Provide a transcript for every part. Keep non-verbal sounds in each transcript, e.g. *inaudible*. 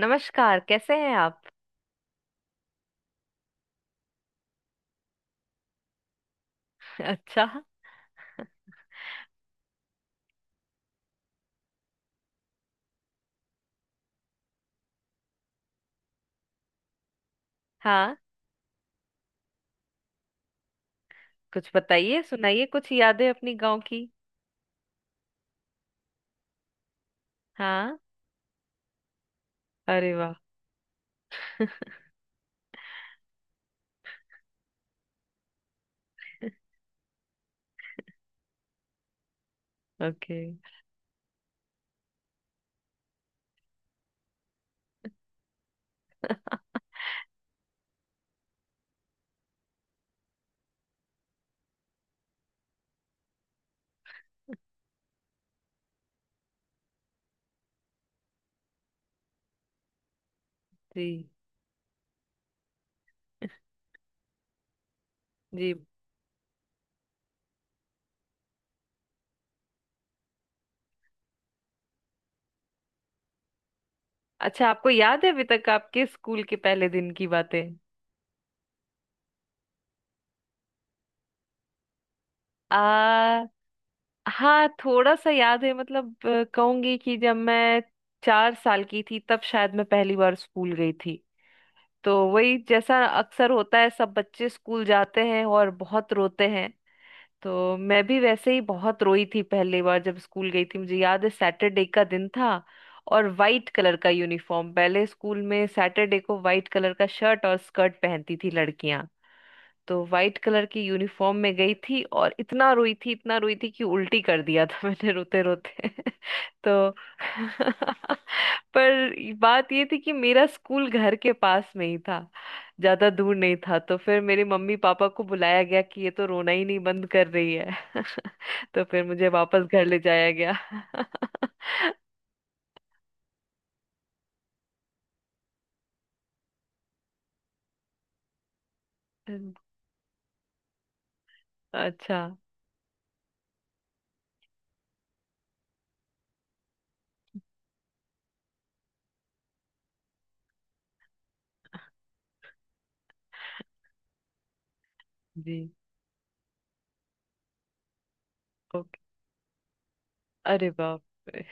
नमस्कार, कैसे हैं आप? *laughs* अच्छा। हाँ। कुछ बताइए, सुनाइए कुछ यादें अपनी गांव की। हाँ। अरे वाह। ओके। जी। जी। अच्छा, आपको याद है अभी तक आपके स्कूल के पहले दिन की बातें? आ हाँ, थोड़ा सा याद है। मतलब कहूंगी कि जब मैं 4 साल की थी तब शायद मैं पहली बार स्कूल गई थी। तो वही जैसा अक्सर होता है, सब बच्चे स्कूल जाते हैं और बहुत रोते हैं। तो मैं भी वैसे ही बहुत रोई थी पहली बार जब स्कूल गई थी। मुझे याद है सैटरडे का दिन था, और वाइट कलर का यूनिफॉर्म, पहले स्कूल में सैटरडे को वाइट कलर का शर्ट और स्कर्ट पहनती थी लड़कियां। तो वाइट कलर की यूनिफॉर्म में गई थी और इतना रोई थी, इतना रोई थी कि उल्टी कर दिया था *laughs* मैंने रोते रोते *laughs* तो *laughs* पर बात ये थी कि मेरा स्कूल घर के पास में ही था, ज्यादा दूर नहीं था। तो फिर मेरे मम्मी पापा को बुलाया गया कि ये तो रोना ही नहीं बंद कर रही है। तो फिर मुझे वापस घर ले जाया गया। *laughs* अच्छा। जी। ओके। अरे बाप रे।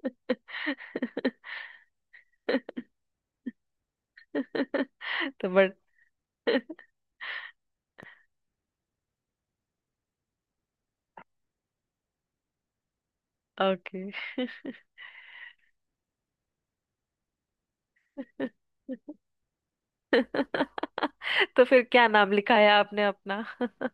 *laughs* तो बट ओके। *laughs* तो फिर क्या नाम लिखाया आपने अपना? *laughs*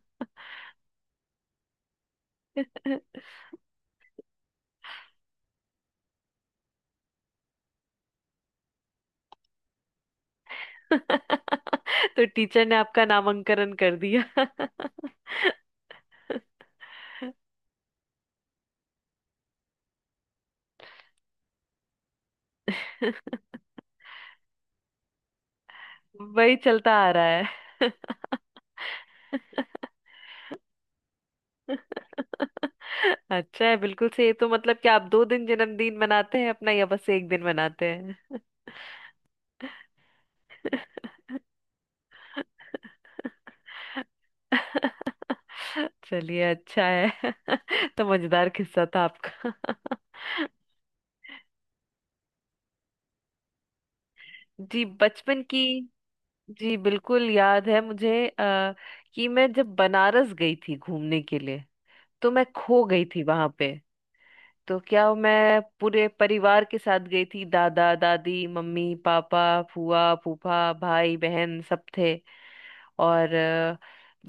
तो टीचर ने आपका नामांकन कर दिया। *laughs* वही चलता आ रहा है। *laughs* *laughs* अच्छा है। बिल्कुल से ये तो मतलब कि आप 2 दिन जन्मदिन मनाते हैं अपना, या बस एक दिन मनाते हैं? *laughs* चलिए अच्छा है। *laughs* तो मजेदार किस्सा था आपका। *laughs* जी, बचपन की। जी बिल्कुल याद है मुझे। कि मैं जब बनारस गई थी घूमने के लिए तो मैं खो गई थी वहां पे। तो मैं पूरे परिवार के साथ गई थी, दादा दादी मम्मी पापा फूआ फूफा भाई बहन सब थे। और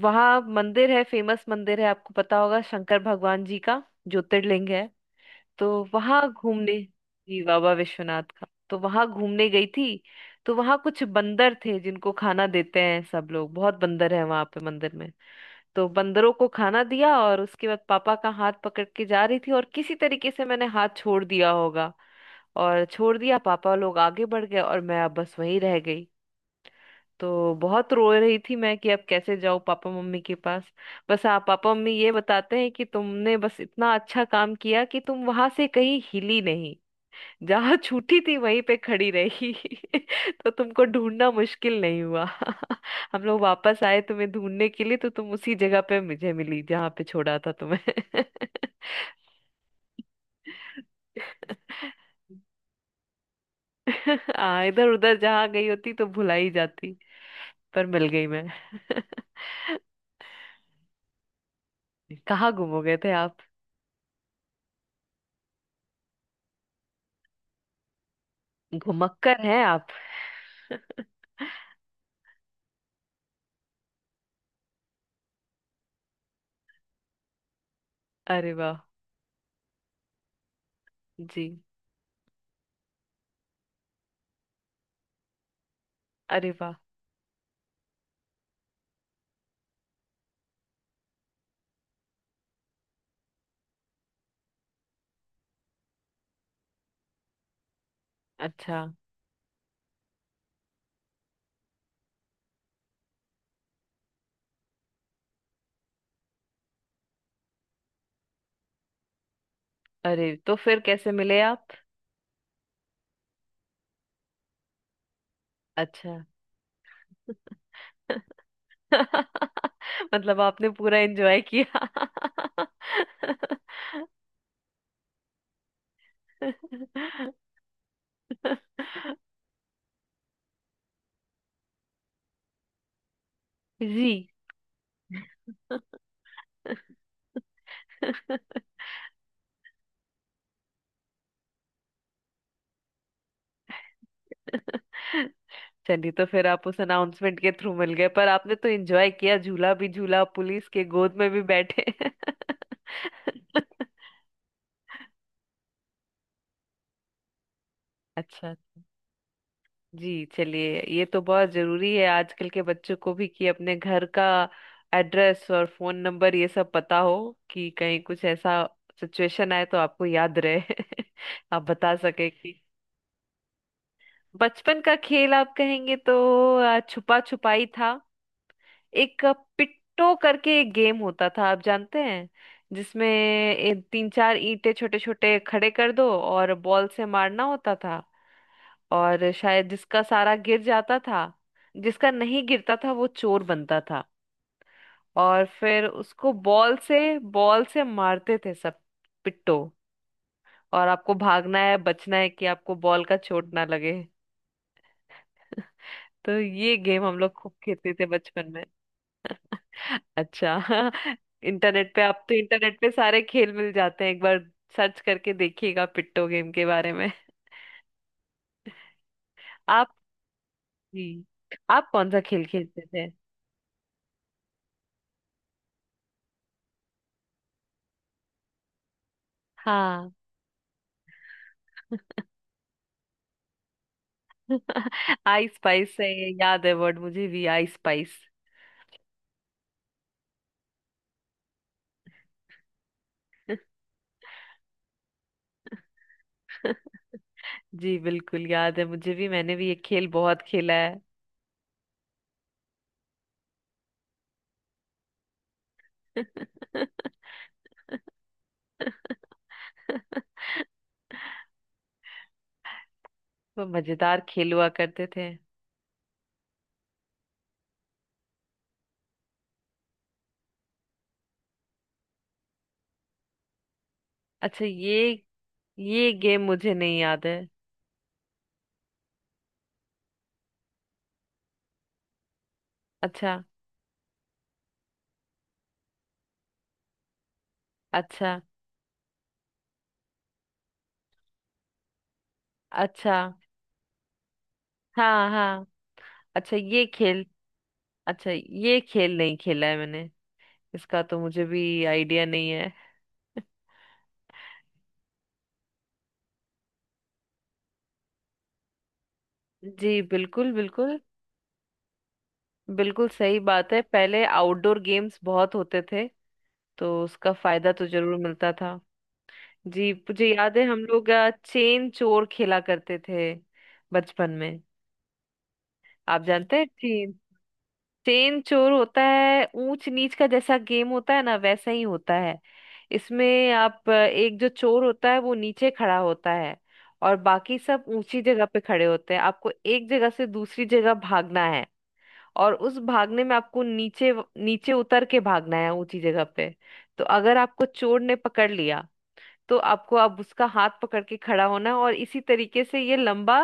वहाँ मंदिर है, फेमस मंदिर है, आपको पता होगा, शंकर भगवान जी का ज्योतिर्लिंग है। तो वहाँ घूमने, जी बाबा विश्वनाथ का, तो वहाँ घूमने गई थी। तो वहाँ कुछ बंदर थे जिनको खाना देते हैं सब लोग, बहुत बंदर है वहाँ पे मंदिर में। तो बंदरों को खाना दिया और उसके बाद पापा का हाथ पकड़ के जा रही थी और किसी तरीके से मैंने हाथ छोड़ दिया होगा। और छोड़ दिया, पापा लोग आगे बढ़ गए और मैं अब बस वहीं रह गई। तो बहुत रो रही थी मैं कि अब कैसे जाऊं पापा मम्मी के पास। बस, हाँ, पापा मम्मी ये बताते हैं कि तुमने बस इतना अच्छा काम किया कि तुम वहां से कहीं हिली नहीं, जहाँ छूटी थी वहीं पे खड़ी रही। *laughs* तो तुमको ढूंढना मुश्किल नहीं हुआ। *laughs* हम लोग वापस आए तुम्हें ढूंढने के लिए तो तुम उसी जगह पे मुझे मिली जहाँ पे छोड़ा था तुम्हें। *laughs* हाँ, इधर उधर जहाँ गई होती तो भुला ही जाती, पर मिल गई मैं। *laughs* कहाँ गुम हो गए थे आप? घुमक्कर हैं आप। *laughs* अरे वाह। जी। अरे वाह। अच्छा। अरे तो फिर कैसे मिले आप? अच्छा। *laughs* *laughs* मतलब आपने पूरा एंजॉय किया। *laughs* जी। चलिए, तो फिर आप उस अनाउंसमेंट के थ्रू मिल गए, पर आपने तो एंजॉय किया, झूला भी झूला, पुलिस के गोद में भी बैठे। *laughs* अच्छा। जी, चलिए ये तो बहुत जरूरी है आजकल के बच्चों को भी कि अपने घर का एड्रेस और फोन नंबर ये सब पता हो, कि कहीं कुछ ऐसा सिचुएशन आए तो आपको याद रहे *laughs* आप बता सके कि। बचपन का खेल आप कहेंगे तो छुपा छुपाई था। एक पिट्टो करके एक गेम होता था, आप जानते हैं? जिसमें तीन चार ईंटें छोटे छोटे खड़े कर दो और बॉल से मारना होता था। और शायद जिसका सारा गिर जाता था, जिसका नहीं गिरता था वो चोर बनता था। और फिर उसको बॉल से मारते थे सब, पिट्टो। और आपको भागना है, बचना है, कि आपको बॉल का चोट ना लगे। *laughs* तो ये गेम हम लोग खूब खेलते थे बचपन में। *laughs* अच्छा। *laughs* इंटरनेट पे आप, तो इंटरनेट पे सारे खेल मिल जाते हैं, एक बार सर्च करके देखिएगा पिट्टो गेम के बारे में। *laughs* आप, जी, आप कौन सा खेल खेलते थे? हाँ। *laughs* आई स्पाइस है ये, याद है वर्ड मुझे भी, आई स्पाइस। *laughs* जी बिल्कुल याद है मुझे भी, मैंने भी ये खेल बहुत खेला है। *laughs* वो मजेदार खेल हुआ करते थे। अच्छा, ये गेम मुझे नहीं याद है। अच्छा। अच्छा। अच्छा। हाँ। हाँ। अच्छा ये खेल, अच्छा ये खेल नहीं खेला है मैंने, इसका तो मुझे भी आइडिया नहीं है। *laughs* जी बिल्कुल बिल्कुल। बिल्कुल सही बात है, पहले आउटडोर गेम्स बहुत होते थे, तो उसका फायदा तो जरूर मिलता था। जी, मुझे याद है हम लोग चेन चोर खेला करते थे बचपन में। आप जानते हैं चेन? चेन चोर होता है, ऊंच नीच का जैसा गेम होता है ना, वैसा ही होता है। इसमें आप एक जो चोर होता है वो नीचे खड़ा होता है, और बाकी सब ऊंची जगह पे खड़े होते हैं। आपको एक जगह से दूसरी जगह भागना है, और उस भागने में आपको नीचे नीचे उतर के भागना है ऊंची जगह पे। तो अगर आपको चोर ने पकड़ लिया तो आपको अब उसका हाथ पकड़ के खड़ा होना है, और इसी तरीके से ये लंबा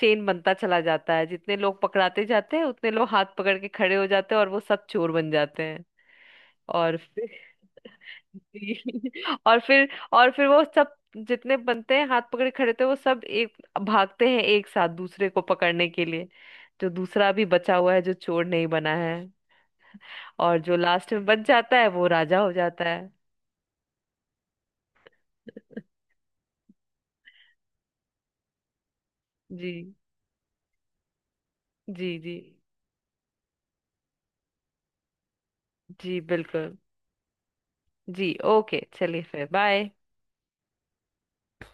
चेन बनता चला जाता है। जितने लोग पकड़ाते जाते हैं उतने लोग हाथ पकड़ के खड़े हो जाते हैं, और वो सब चोर बन जाते हैं। और फिर जी। *laughs* और फिर और फिर वो सब, जितने बनते हैं हाथ पकड़े खड़े थे, वो सब एक भागते हैं एक साथ दूसरे को पकड़ने के लिए, जो दूसरा भी बचा हुआ है जो चोर नहीं बना है। और जो लास्ट में बच जाता है वो राजा हो जाता है। *laughs* जी। जी। जी। जी बिल्कुल। जी, ओके, चलिए फिर बाय।